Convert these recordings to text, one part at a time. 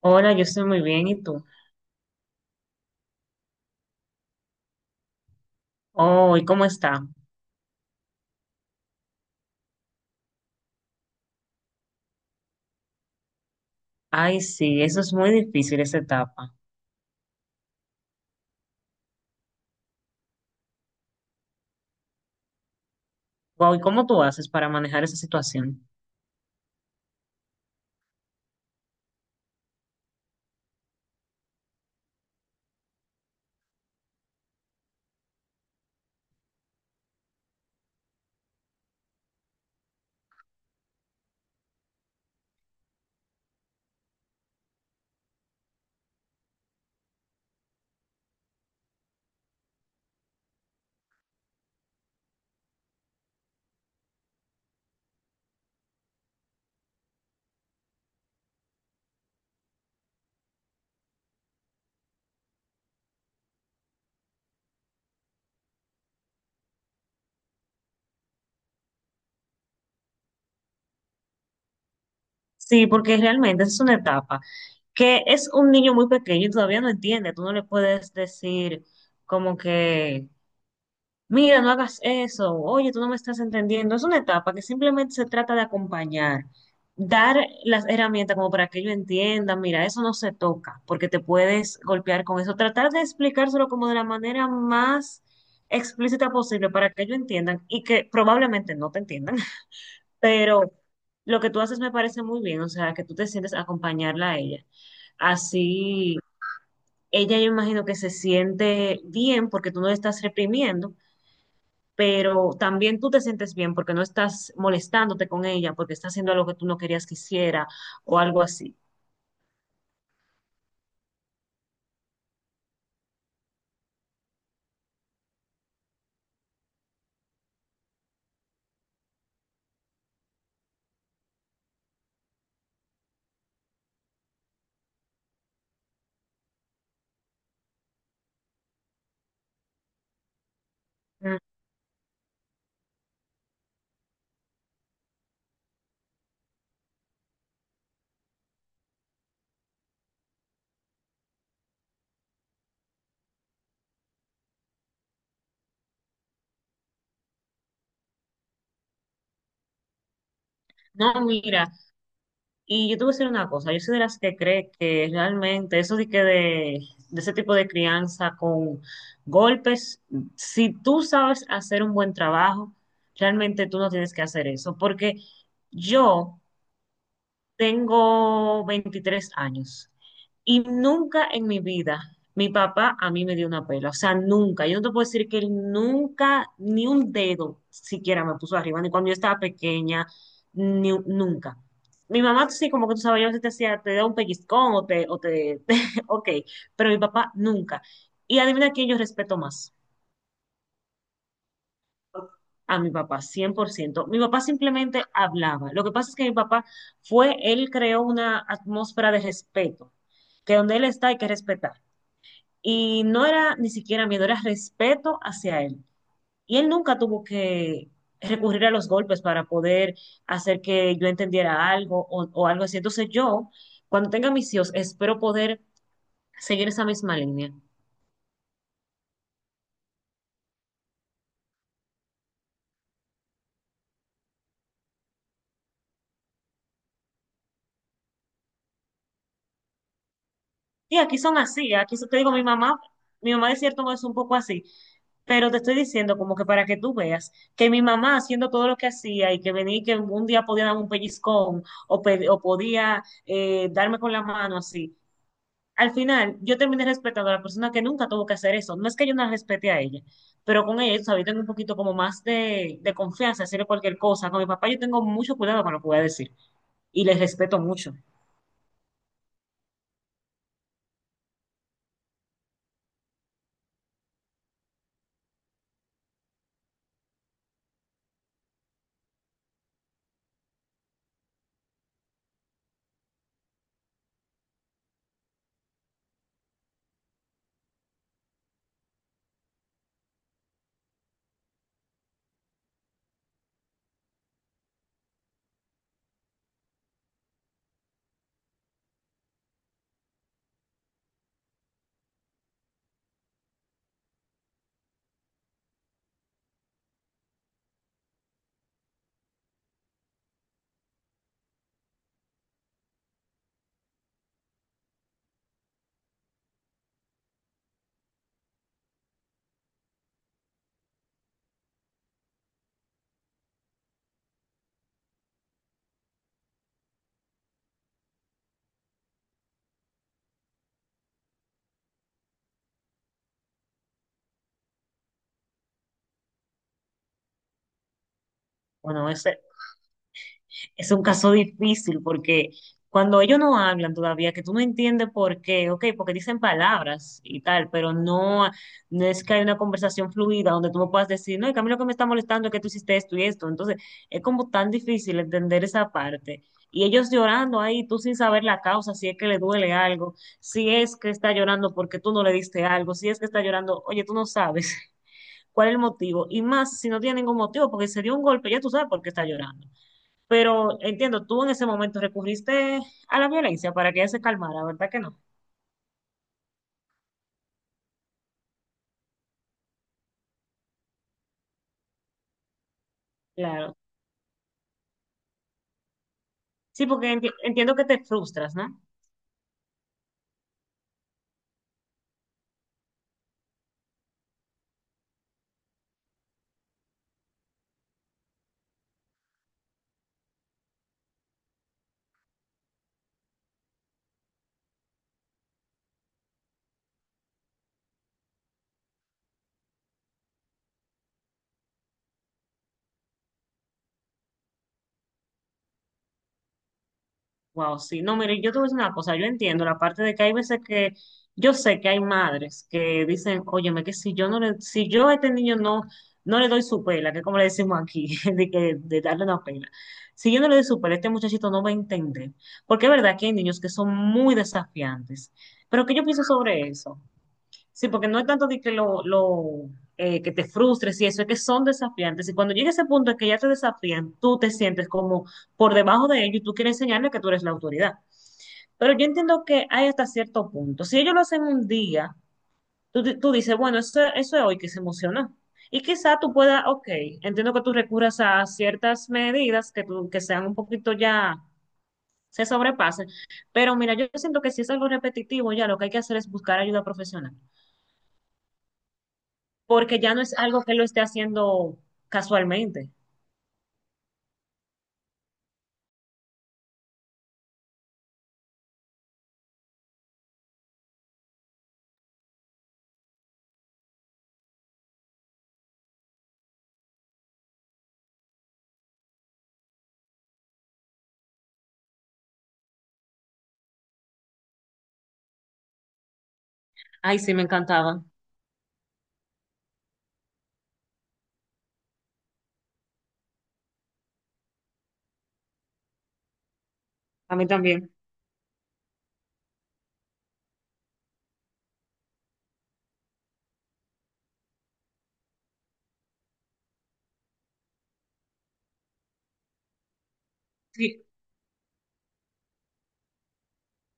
Hola, yo estoy muy bien, ¿y tú? Oh, ¿y cómo está? Ay, sí, eso es muy difícil, esa etapa. Wow, ¿y cómo tú haces para manejar esa situación? Sí, porque realmente es una etapa que es un niño muy pequeño y todavía no entiende. Tú no le puedes decir como que mira, no hagas eso, oye, tú no me estás entendiendo. Es una etapa que simplemente se trata de acompañar, dar las herramientas como para que ellos entiendan, mira, eso no se toca, porque te puedes golpear con eso. Tratar de explicárselo como de la manera más explícita posible para que ellos entiendan y que probablemente no te entiendan, pero lo que tú haces me parece muy bien, o sea, que tú te sientes a acompañarla a ella. Así, ella yo imagino que se siente bien porque tú no le estás reprimiendo, pero también tú te sientes bien porque no estás molestándote con ella, porque está haciendo algo que tú no querías que hiciera o algo así. Mm. No, mira, y yo te voy a decir una cosa, yo soy de las que cree que realmente eso de que de ese tipo de crianza con golpes, si tú sabes hacer un buen trabajo, realmente tú no tienes que hacer eso, porque yo tengo 23 años y nunca en mi vida mi papá a mí me dio una pela. O sea, nunca. Yo no te puedo decir que él nunca, ni un dedo siquiera me puso arriba, ni cuando yo estaba pequeña, ni, nunca. Mi mamá sí, como que tú sabes, yo a veces te hacía, te da un pellizcón o te, ok, pero mi papá nunca. Y adivina quién yo respeto más, a mi papá, 100%. Mi papá simplemente hablaba. Lo que pasa es que mi papá fue, él creó una atmósfera de respeto, que donde él está hay que respetar. Y no era ni siquiera miedo, era respeto hacia él. Y él nunca tuvo que recurrir a los golpes para poder hacer que yo entendiera algo o algo así. Entonces yo, cuando tenga mis hijos, espero poder seguir esa misma línea. Y aquí son así, aquí te digo, mi mamá de cierto modo es un poco así, pero te estoy diciendo como que para que tú veas que mi mamá haciendo todo lo que hacía y que venía y que un día podía darme un pellizcón o, o podía darme con la mano así, al final yo terminé respetando a la persona que nunca tuvo que hacer eso. No es que yo no la respete a ella, pero con ella, ¿sabes? Tengo un poquito como más de confianza, hacerle cualquier cosa. Con mi papá yo tengo mucho cuidado con lo que voy a decir y les respeto mucho. Bueno, es un caso difícil porque cuando ellos no hablan todavía, que tú no entiendes por qué, ok, porque dicen palabras y tal, pero no, no es que hay una conversación fluida donde tú me puedas decir, no, y que a mí lo que me está molestando es que tú hiciste esto y esto. Entonces, es como tan difícil entender esa parte. Y ellos llorando ahí, tú sin saber la causa, si es que le duele algo, si es que está llorando porque tú no le diste algo, si es que está llorando, oye, tú no sabes cuál es el motivo. Y más si no tiene ningún motivo, porque se dio un golpe, ya tú sabes por qué está llorando. Pero entiendo, tú en ese momento recurriste a la violencia para que ella se calmara, ¿verdad que no? Claro. Sí, porque entiendo que te frustras, ¿no? Wow, sí. No, mire, yo te voy a decir una cosa, yo entiendo la parte de que hay veces que yo sé que hay madres que dicen, óyeme, que si yo no le, si yo a este niño no, no le doy su pela, que es como le decimos aquí, de que, de darle una pela. Si yo no le doy su pela, este muchachito no va a entender. Porque es verdad que hay niños que son muy desafiantes. Pero ¿qué yo pienso sobre eso? Sí, porque no es tanto de que lo, que te frustres y eso, es que son desafiantes. Y cuando llega ese punto en que ya te desafían, tú te sientes como por debajo de ellos y tú quieres enseñarles que tú eres la autoridad. Pero yo entiendo que hay hasta cierto punto. Si ellos lo hacen un día, tú, tú dices, bueno, eso es hoy que se emociona. Y quizá tú puedas, ok, entiendo que tú recurras a ciertas medidas que, tú, que sean un poquito ya, se sobrepasen. Pero mira, yo siento que si es algo repetitivo, ya lo que hay que hacer es buscar ayuda profesional. Porque ya no es algo que lo esté haciendo casualmente. Ay, sí, me encantaba. A mí también. Sí,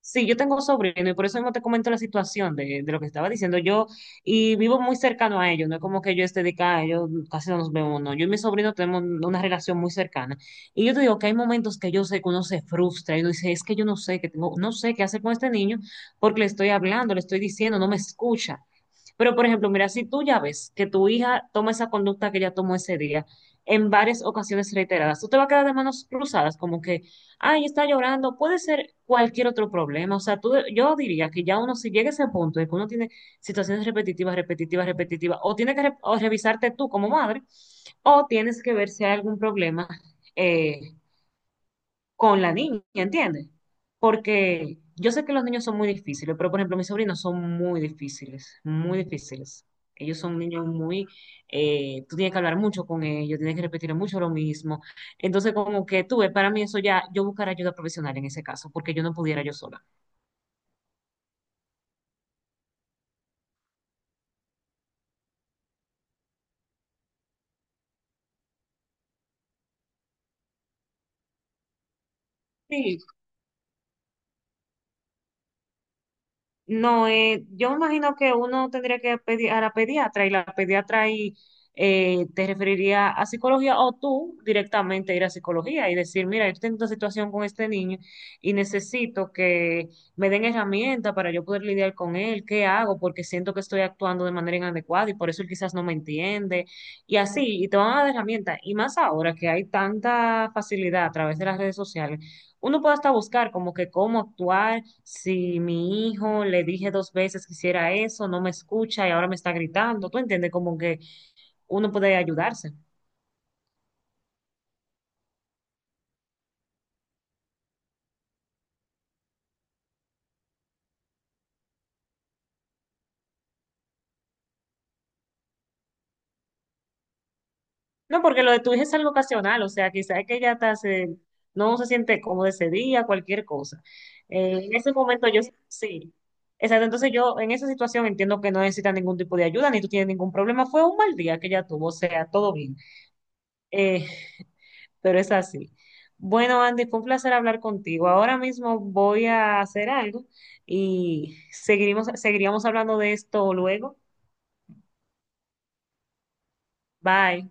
sí, yo tengo sobrino y por eso mismo te comento la situación de lo que estaba diciendo yo, y vivo muy cercano a ellos, no es como que yo esté de acá, ellos casi no nos vemos, no, yo y mi sobrino tenemos una relación muy cercana, y yo te digo que hay momentos que yo sé que uno se frustra y uno dice, es que yo no sé, que tengo, no sé qué hacer con este niño porque le estoy hablando, le estoy diciendo, no me escucha. Pero, por ejemplo, mira, si tú ya ves que tu hija toma esa conducta que ella tomó ese día en varias ocasiones reiteradas, tú te vas a quedar de manos cruzadas, como que ay, está llorando, puede ser cualquier otro problema. O sea, tú, yo diría que ya uno, si llega a ese punto de que uno tiene situaciones repetitivas, repetitivas, repetitivas, o tienes que o revisarte tú como madre, o tienes que ver si hay algún problema. eh, con la niña, ¿entiendes? Porque yo sé que los niños son muy difíciles, pero por ejemplo, mis sobrinos son muy difíciles, muy difíciles. Ellos son niños muy, tú tienes que hablar mucho con ellos, tienes que repetir mucho lo mismo. Entonces, como que tuve, para mí eso ya, yo buscar ayuda profesional en ese caso, porque yo no pudiera yo sola. Sí, no, yo me imagino que uno tendría que pedir a la pediatra y la pediatra ahí te referiría a psicología, o tú directamente ir a psicología y decir, mira, yo tengo esta situación con este niño y necesito que me den herramientas para yo poder lidiar con él, ¿qué hago? Porque siento que estoy actuando de manera inadecuada y por eso él quizás no me entiende, y así, y te van a dar herramientas. Y más ahora que hay tanta facilidad a través de las redes sociales, uno puede hasta buscar como que cómo actuar si mi hijo le dije dos veces que hiciera eso, no me escucha y ahora me está gritando. ¿Tú entiendes? Como que uno puede ayudarse. No, porque lo de tu hija es algo ocasional, o sea, quizás es que ella está, no se siente cómoda ese día, cualquier cosa. En ese momento yo sí. Exacto, entonces yo en esa situación entiendo que no necesita ningún tipo de ayuda, ni tú tienes ningún problema. Fue un mal día que ella tuvo, o sea, todo bien. Eh, pero es así. Bueno, Andy, fue un placer hablar contigo. Ahora mismo voy a hacer algo y seguiremos, seguiríamos hablando de esto luego. Bye.